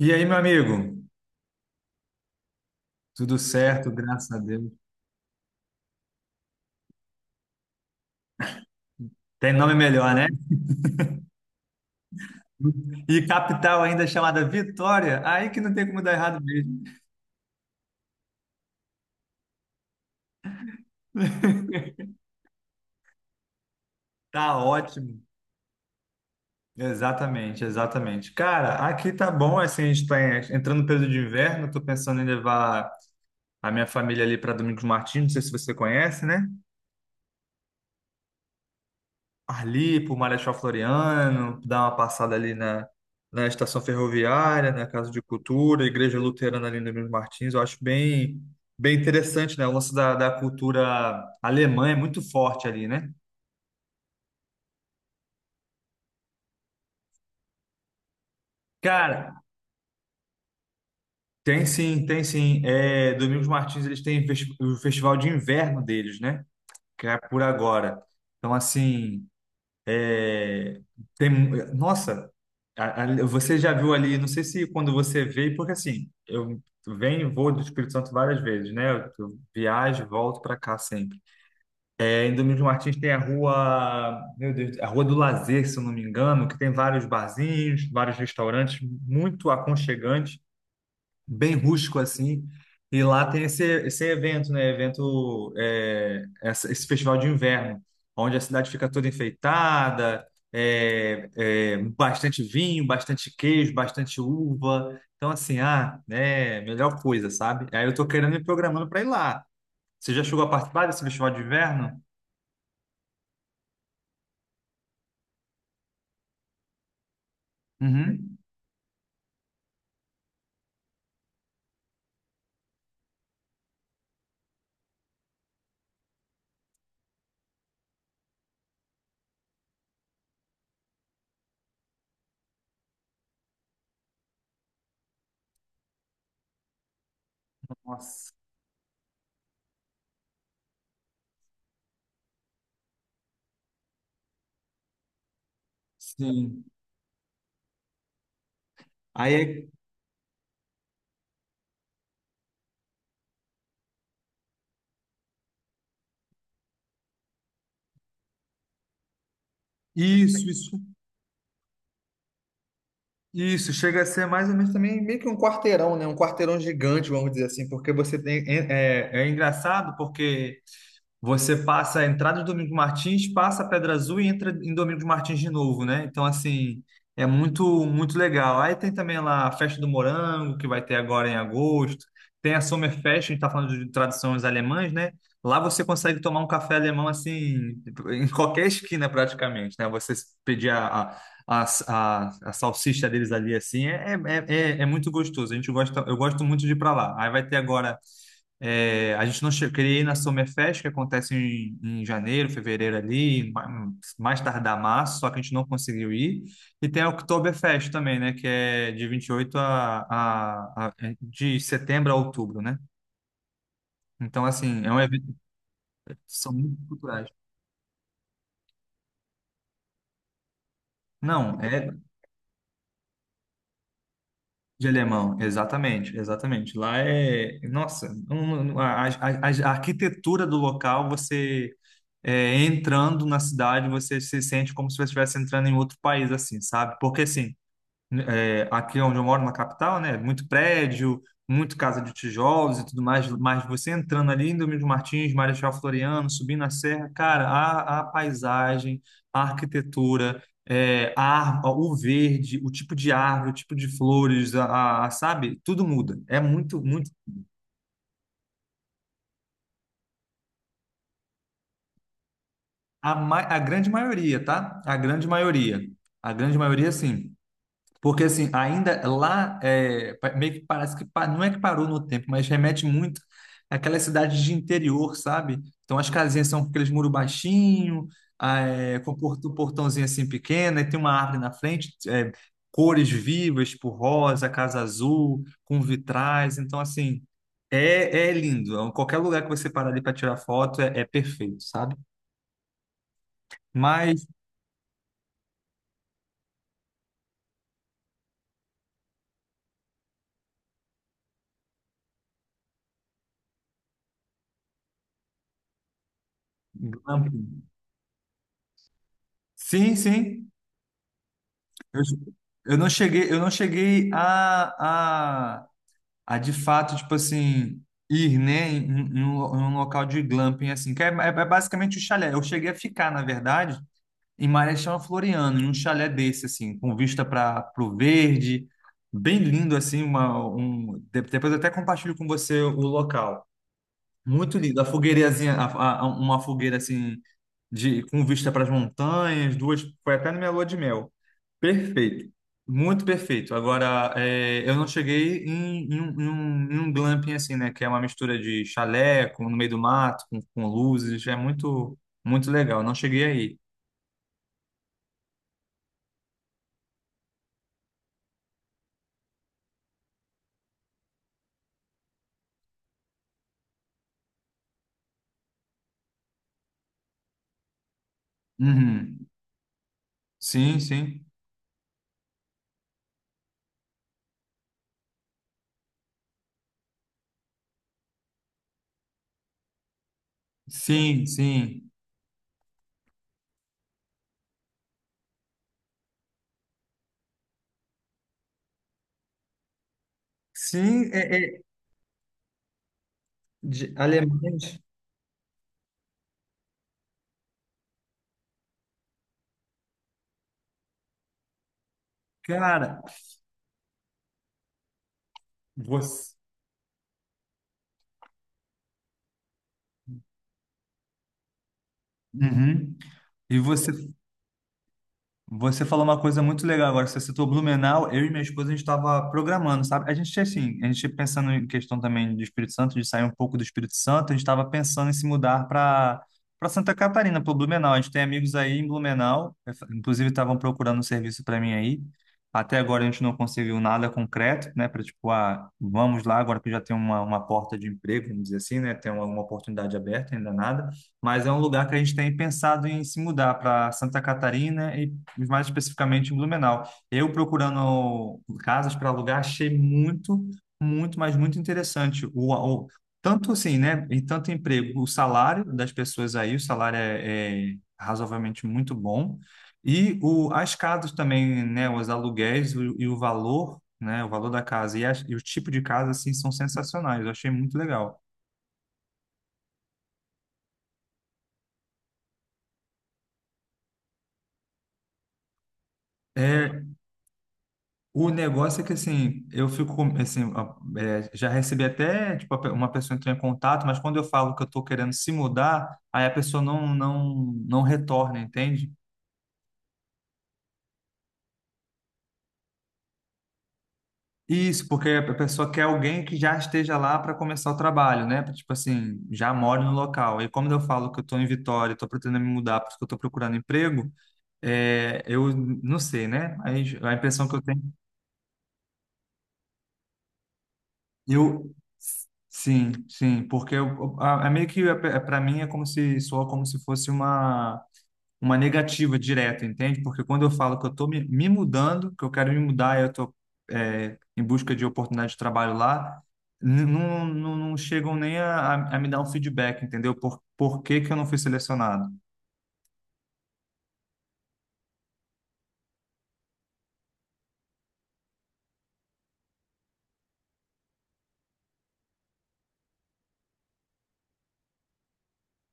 E aí, meu amigo? Tudo certo, graças a Deus. Tem nome melhor, né? E capital ainda chamada Vitória, aí que não tem como dar errado mesmo. Tá ótimo. Exatamente, exatamente. Cara, aqui tá bom, assim, a gente tá entrando no período de inverno, tô pensando em levar a minha família ali para Domingos Martins, não sei se você conhece, né? Ali por Marechal Floriano, dar uma passada ali na estação ferroviária, na Casa de Cultura, Igreja Luterana ali no Emílio Martins, eu acho bem, bem interessante, né? O lance da cultura alemã é muito forte ali, né? Cara, tem sim, tem sim. É, Domingos Martins, eles têm o festival de inverno deles, né? Que é por agora. Então, assim. É, tem, nossa, você já viu ali, não sei se quando você veio, porque assim, eu venho e vou do Espírito Santo várias vezes, né? eu viajo, e volto para cá sempre. É, em Domingos Martins tem a rua, meu Deus, a Rua do Lazer, se eu não me engano, que tem vários barzinhos, vários restaurantes muito aconchegantes, bem rústico assim. E lá tem esse evento, né? Evento, é, esse festival de inverno, onde a cidade fica toda enfeitada, bastante vinho, bastante queijo, bastante uva. Então, assim, ah, né? Melhor coisa, sabe? Aí eu tô querendo me programando para ir lá. Você já chegou a participar desse festival de inverno? Uhum. Nossa, sim. Aí é isso, isso. Isso, chega a ser mais ou menos também meio que um quarteirão, né? Um quarteirão gigante, vamos dizer assim, porque você tem. É engraçado porque. Você passa a entrada do Domingos Martins, passa a Pedra Azul e entra em Domingos Martins de novo, né? Então, assim, é muito, muito legal. Aí tem também lá a Festa do Morango, que vai ter agora em agosto. Tem a Sommerfest, a gente tá falando de tradições alemãs, né? Lá você consegue tomar um café alemão, assim, em qualquer esquina praticamente, né? Você pedir a, a, a salsicha deles ali, assim, é muito gostoso. A gente gosta, eu gosto muito de ir pra lá. Aí vai ter agora. É, a gente não queria ir na Summerfest, que acontece em janeiro, fevereiro ali, mais tardar março, só que a gente não conseguiu ir. E tem a Oktoberfest também, né? Que é de 28 de setembro a outubro, né? Então, assim, é um evento, são muito culturais. Não, é de alemão, exatamente, exatamente. Lá é, nossa, a arquitetura do local, você entrando na cidade, você se sente como se você estivesse entrando em outro país, assim, sabe? Porque, assim, aqui onde eu moro, na capital, né? Muito prédio, muito casa de tijolos e tudo mais, mas você entrando ali em Domingos Martins, Marechal Floriano, subindo a serra, cara, a paisagem, a arquitetura, o verde, o tipo de árvore, o tipo de flores, sabe? Tudo muda. É muito, muito. A grande maioria, tá? A grande maioria. A grande maioria, sim. Porque assim, ainda lá, meio que parece que não é que parou no tempo, mas remete muito àquela cidade de interior, sabe? Então as casinhas são com aqueles muros baixinho, um portãozinho assim pequeno, e tem uma árvore na frente, cores vivas, tipo rosa, casa azul, com vitrais. Então, assim, é lindo. Então, qualquer lugar que você parar ali para tirar foto é perfeito, sabe? Mas, glamping. Sim, sim. Eu, eu não cheguei a de fato, tipo assim, ir, né, em um local de glamping, assim, que é basicamente o chalé. Eu cheguei a ficar, na verdade, em Marechal Floriano, em um chalé desse, assim, com vista para o verde, bem lindo, assim, depois eu até compartilho com você o local. Muito lindo. A fogueirazinha, uma fogueira assim, com vista para as montanhas, duas. Foi até na minha lua de mel. Perfeito. Muito perfeito. Agora, eu não cheguei em um glamping assim, né? Que é uma mistura de chalé com, no meio do mato, com luzes. É muito, muito legal. Não cheguei aí. Uhum. Sim, sim. Sim, sim. Sim, de alemães. Cara, você. Uhum. E você Você falou uma coisa muito legal agora, você citou Blumenau, eu e minha esposa a gente estava programando, sabe? A gente assim, a gente pensando em questão também de Espírito Santo, de sair um pouco do Espírito Santo, a gente estava pensando em se mudar para Santa Catarina, para Blumenau. A gente tem amigos aí em Blumenau, inclusive estavam procurando um serviço para mim aí. Até agora a gente não conseguiu nada concreto, né? Para tipo, ah, vamos lá agora que já tem uma porta de emprego, vamos dizer assim, né? Tem uma oportunidade aberta, ainda nada, mas é um lugar que a gente tem pensado em se mudar para Santa Catarina, mais especificamente em Blumenau. Eu procurando casas para alugar, achei muito, muito, mas muito interessante. O- Tanto assim, né? E tanto emprego, o salário das pessoas aí, o salário é razoavelmente muito bom. as casas também, né? Os aluguéis e o valor, né? O valor da casa e o tipo de casa, assim, são sensacionais. Eu achei muito legal. É, O negócio é que, assim, eu fico, assim, já recebi até, tipo, uma pessoa entrou em contato, mas quando eu falo que eu estou querendo se mudar, aí a pessoa não, não, não retorna, entende? Isso, porque a pessoa quer alguém que já esteja lá para começar o trabalho, né? Tipo assim, já mora no local. E como eu falo que eu estou em Vitória, estou pretendendo me mudar porque eu estou procurando emprego, eu não sei, né? Aí, a impressão que eu tenho. Eu sim, sim, porque eu, a é meio que, para mim é como se soa como se fosse uma negativa direta, entende? Porque quando eu falo que eu estou me mudando, que eu quero me mudar, eu estou em busca de oportunidade de trabalho lá, não, não, não chegam nem a me dar um feedback, entendeu? Por que que eu não fui selecionado?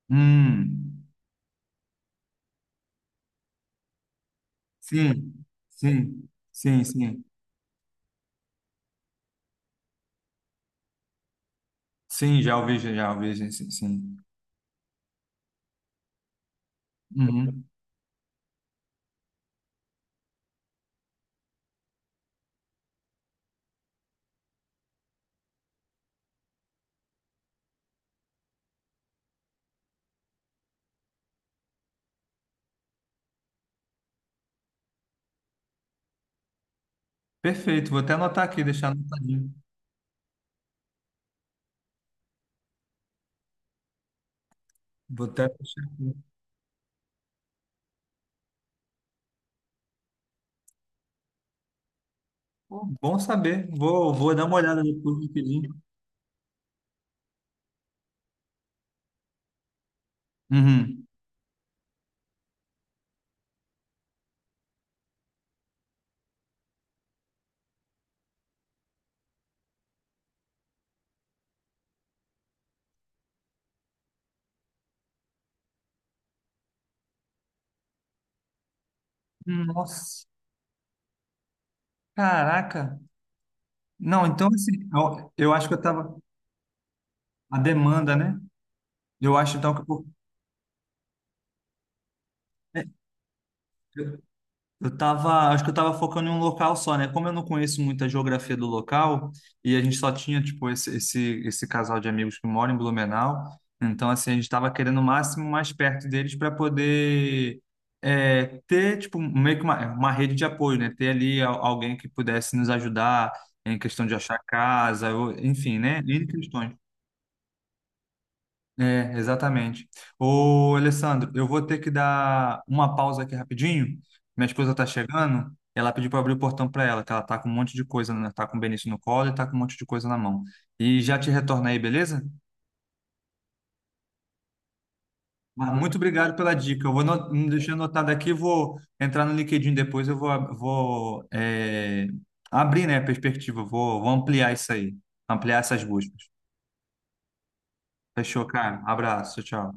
Hum, sim, sim, sim, sim, sim, já ouvi, sim, sim, sim. Uhum. Perfeito, vou até anotar aqui, deixar anotadinho. Vou até fechar aqui. Pô, bom saber. Vou dar uma olhada depois no LinkedIn. Uhum. Nossa, caraca. Não, então assim, eu acho que eu tava. A demanda, né? Eu acho então que eu tava, acho que eu tava focando em um local só, né? Como eu não conheço muito a geografia do local e a gente só tinha, tipo, esse casal de amigos que mora em Blumenau, então, assim, a gente tava querendo o máximo mais perto deles para poder ter, tipo, meio que uma rede de apoio, né? Ter ali alguém que pudesse nos ajudar em questão de achar casa, ou, enfim, né? N questões. É, exatamente. Ô, Alessandro, eu vou ter que dar uma pausa aqui rapidinho. Minha esposa tá chegando. Ela pediu para abrir o portão para ela, que ela tá com um monte de coisa, né? Tá com o Benício no colo e tá com um monte de coisa na mão. E já te retorno aí, beleza? Mas muito obrigado pela dica. Eu vou deixar anotado aqui, vou entrar no LinkedIn depois, eu vou, ab- vou é, abrir, né, a perspectiva, vou ampliar isso aí, ampliar essas buscas. Fechou, cara? Abraço, tchau.